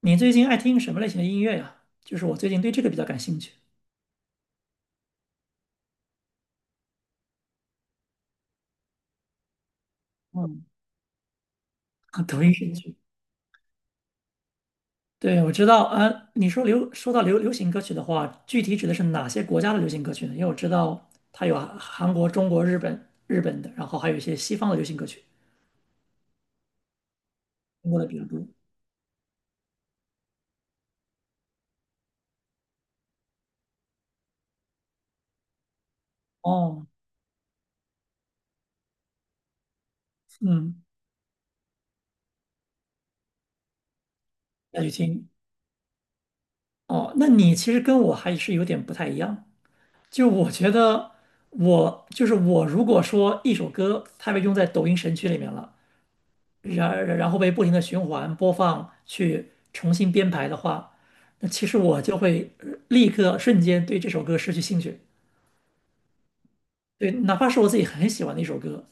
你最近爱听什么类型的音乐呀？就是我最近对这个比较感兴趣。嗯，抖音神曲。对，我知道，啊，你说说到流行歌曲的话，具体指的是哪些国家的流行歌曲呢？因为我知道它有韩国、中国、日本的，然后还有一些西方的流行歌曲，中国的比较多。哦，嗯，那就听。哦，那你其实跟我还是有点不太一样。就我觉得我，就是我，如果说一首歌它被用在抖音神曲里面了。然后被不停的循环播放去重新编排的话，那其实我就会立刻瞬间对这首歌失去兴趣。对，哪怕是我自己很喜欢的一首歌，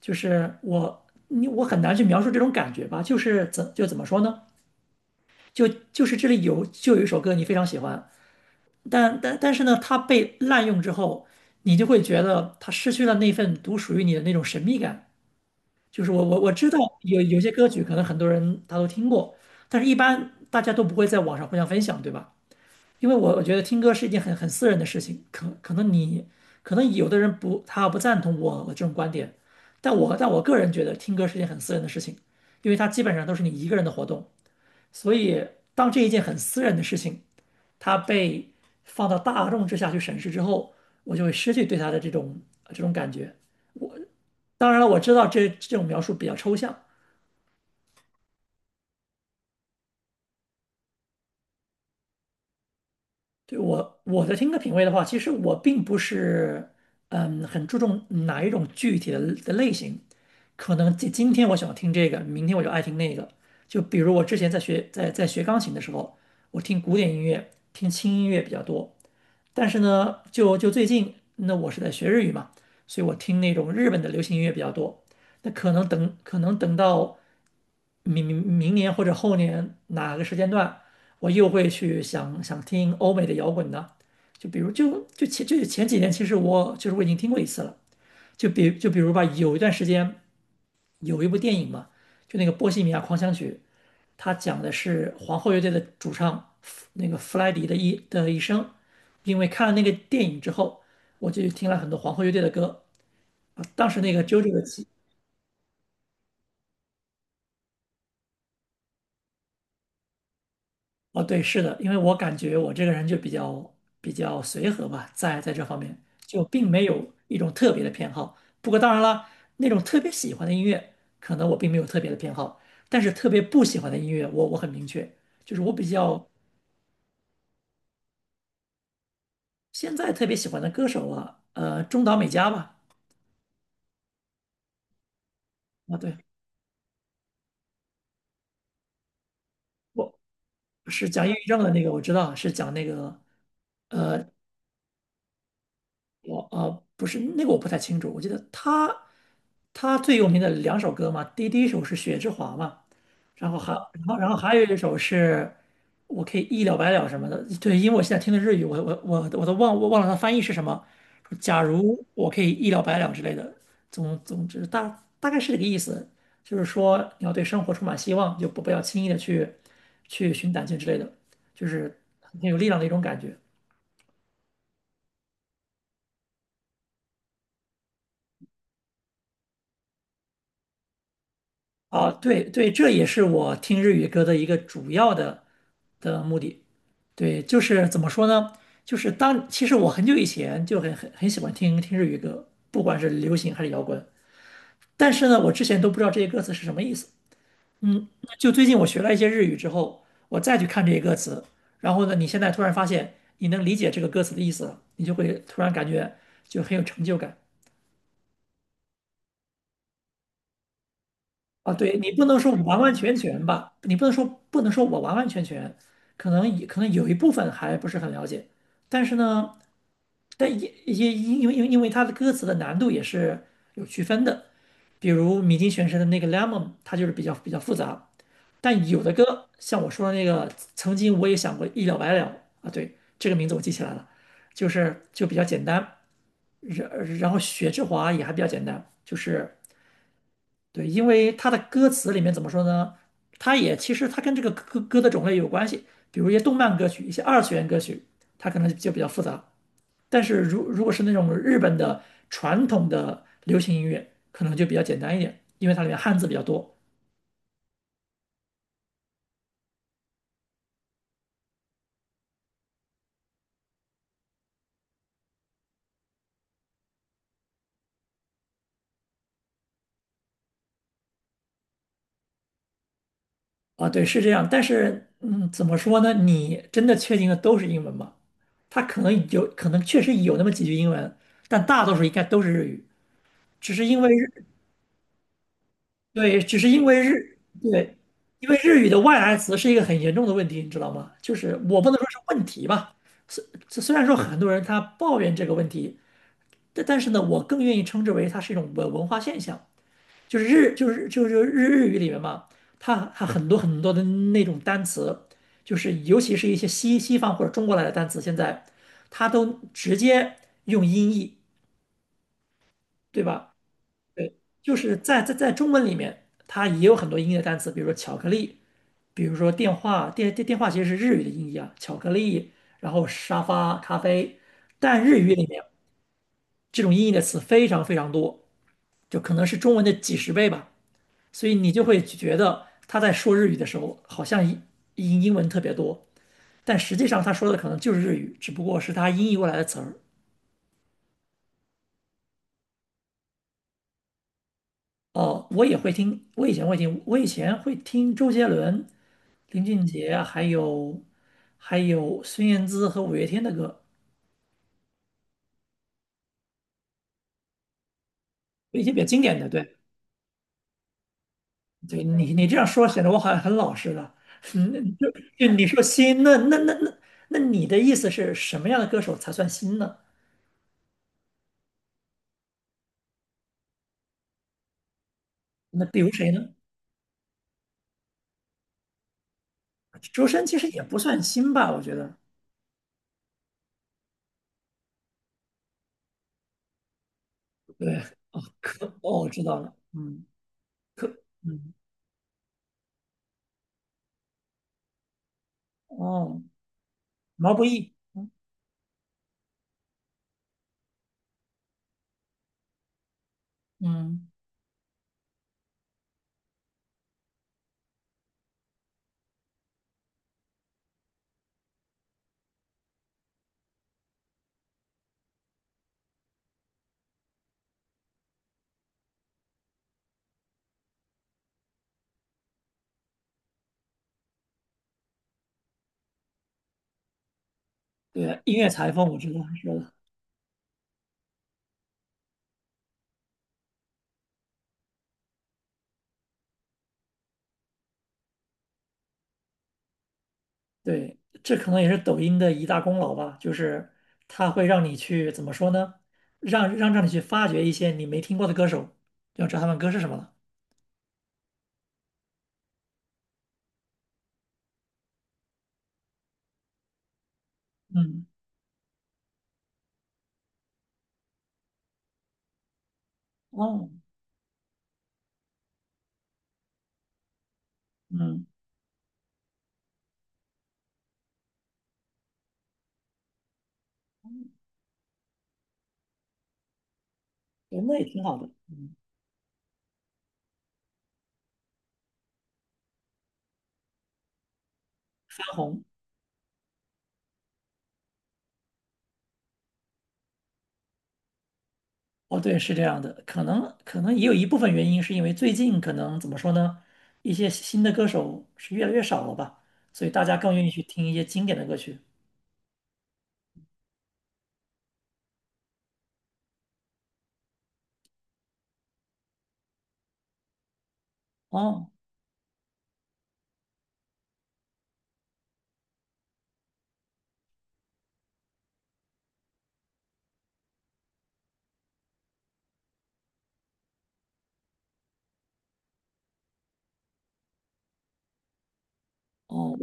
就是我很难去描述这种感觉吧，就是怎么说呢？就就是这里有一首歌你非常喜欢，但是呢，它被滥用之后，你就会觉得它失去了那份独属于你的那种神秘感。就是我知道有些歌曲可能很多人他都听过，但是一般大家都不会在网上互相分享，对吧？因为我觉得听歌是一件很私人的事情，可能有的人不他不赞同我这种观点，但我个人觉得听歌是一件很私人的事情，因为它基本上都是你一个人的活动，所以当这一件很私人的事情它被放到大众之下去审视之后，我就会失去对它的这种感觉。当然了，我知道这种描述比较抽象，对我的听歌品味的话，其实我并不是很注重哪一种具体的类型，可能今天我喜欢听这个，明天我就爱听那个。就比如我之前在学钢琴的时候，我听古典音乐、听轻音乐比较多，但是呢，就最近那我是在学日语嘛，所以我听那种日本的流行音乐比较多。那可能等到明年或者后年哪个时间段，我又会去想听欧美的摇滚呢？就比如就就前就前几年，其实我就是我已经听过一次了。就比如吧，有一段时间有一部电影嘛，就那个《波西米亚狂想曲》，它讲的是皇后乐队的主唱那个弗莱迪的一生。因为看了那个电影之后，我就听了很多皇后乐队的歌啊。当时那个 JoJo 的骑。哦，对，是的，因为我感觉我这个人就比较随和吧，在这方面就并没有一种特别的偏好。不过当然了，那种特别喜欢的音乐，可能我并没有特别的偏好，但是特别不喜欢的音乐我很明确，就是我比较。现在特别喜欢的歌手啊，中岛美嘉吧，啊，对，我。是讲抑郁症的那个，我知道是讲那个我不是那个我不太清楚，我记得他最有名的两首歌嘛，第一首是《雪之华》嘛，然后还然后然后还有一首是我可以一了百了什么的，对，因为我现在听的日语，我都忘了它翻译是什么，说假如我可以一了百了之类的，总之大概是这个意思，就是说你要对生活充满希望，就不要轻易的去寻短见之类的，就是很有力量的一种感觉。啊，对对，这也是我听日语歌的一个主要的目的。对，就是怎么说呢？就是当其实我很久以前就很喜欢听日语歌，不管是流行还是摇滚。但是呢，我之前都不知道这些歌词是什么意思。嗯，就最近我学了一些日语之后，我再去看这些歌词，然后呢，你现在突然发现你能理解这个歌词的意思了，你就会突然感觉就很有成就感。啊，对你不能说完完全全吧，你不能说我完完全全，可能有一部分还不是很了解，但是呢，但也因为它的歌词的难度也是有区分的，比如米津玄师的那个《Lemon》，它就是比较复杂，但有的歌像我说的那个，曾经我也想过一了百了啊，对，这个名字我记起来了，就是比较简单，然后雪之华也还比较简单，就是。对，因为它的歌词里面怎么说呢？其实它跟这个歌的种类有关系，比如一些动漫歌曲、一些二次元歌曲，它可能就比较复杂。但是如果是那种日本的传统的流行音乐，可能就比较简单一点，因为它里面汉字比较多啊。对，是这样。但是怎么说呢？你真的确定的都是英文吗？它可能确实有那么几句英文，但大多数应该都是日语，只是因为日对，只是因为日，对，因为日语的外来词是一个很严重的问题，你知道吗？就是我不能说是问题吧，虽然说很多人他抱怨这个问题，但是呢，我更愿意称之为它是一种文化现象，就是日就是就是日日语里面嘛，它很多很多的那种单词，就是尤其是一些西方或者中国来的单词，现在它都直接用音译，对吧？对，就是在中文里面，它也有很多音译的单词，比如说巧克力。比如说电话，电话其实是日语的音译啊，巧克力，然后沙发、咖啡，但日语里面这种音译的词非常非常多，就可能是中文的几十倍吧，所以你就会觉得他在说日语的时候，好像英文特别多，但实际上他说的可能就是日语，只不过是他音译过来的词儿。哦，我也会听，我以前会听，我以前会听周杰伦、林俊杰，还有孙燕姿和五月天的歌，一些比较经典的，对。对。你这样说显得我好像很老实了。嗯，就你说新，那你的意思是什么样的歌手才算新呢？那比如谁呢？周深其实也不算新吧，我觉得。对，哦，哦，我知道了，嗯，可嗯哦，毛不易，嗯，对，音乐裁缝我知道是的，对，这可能也是抖音的一大功劳吧，就是它会让你去怎么说呢？让你去发掘一些你没听过的歌手，要知道他们歌是什么了。嗯，哦，嗯，对，那也挺好的，嗯，翻红，哦，对，是这样的，可能也有一部分原因是因为最近可能怎么说呢，一些新的歌手是越来越少了吧，所以大家更愿意去听一些经典的歌曲。哦，哦，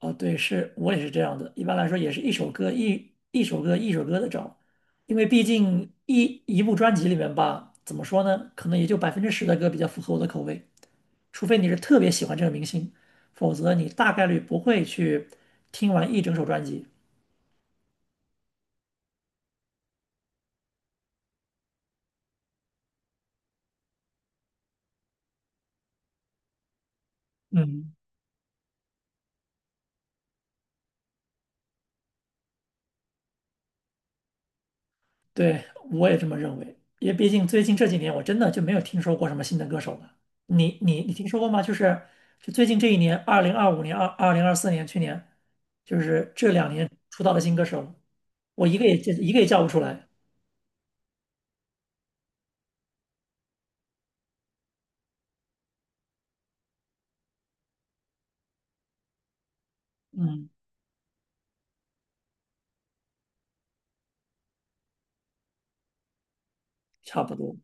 哦，对，是我也是这样的，一般来说也是一首歌一首歌的找，因为毕竟一部专辑里面吧，怎么说呢，可能也就10%的歌比较符合我的口味，除非你是特别喜欢这个明星，否则你大概率不会去听完一整首专辑。嗯，对，我也这么认为，因为毕竟最近这几年我真的就没有听说过什么新的歌手了。你听说过吗？就是就最近这一年，2025年、二零二四年，去年就是这2年出道的新歌手，我一个也叫不出来。嗯，差不多。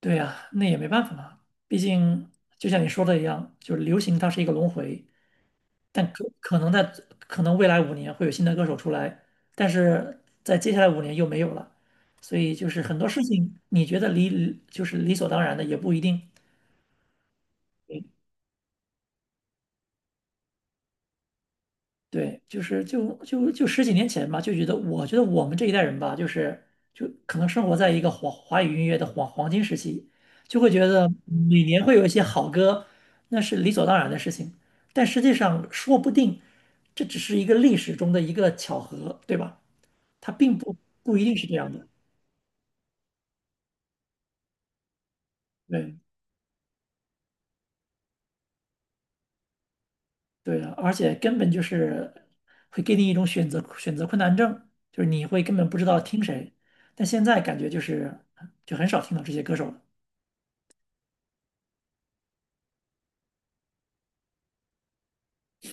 对呀，那也没办法嘛，毕竟就像你说的一样，就是流行它是一个轮回，但可能未来5年会有新的歌手出来，但是在接下来5年又没有了，所以就是很多事情你觉得理就是理所当然的也不一定。对，对就是就就就十几年前吧，就觉得我觉得我们这一代人吧，就是就可能生活在一个华华语音乐的黄黄金时期，就会觉得每年会有一些好歌，那是理所当然的事情。但实际上，说不定这只是一个历史中的一个巧合，对吧？它并不不一定是这样的。对对的，而且根本就是会给你一种选择困难症，就是你会根本不知道听谁。但现在感觉就是很少听到这些歌手了。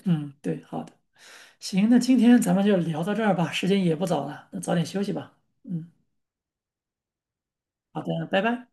嗯，对，好的，行，那今天咱们就聊到这儿吧，时间也不早了，那早点休息吧。嗯，好的，拜拜。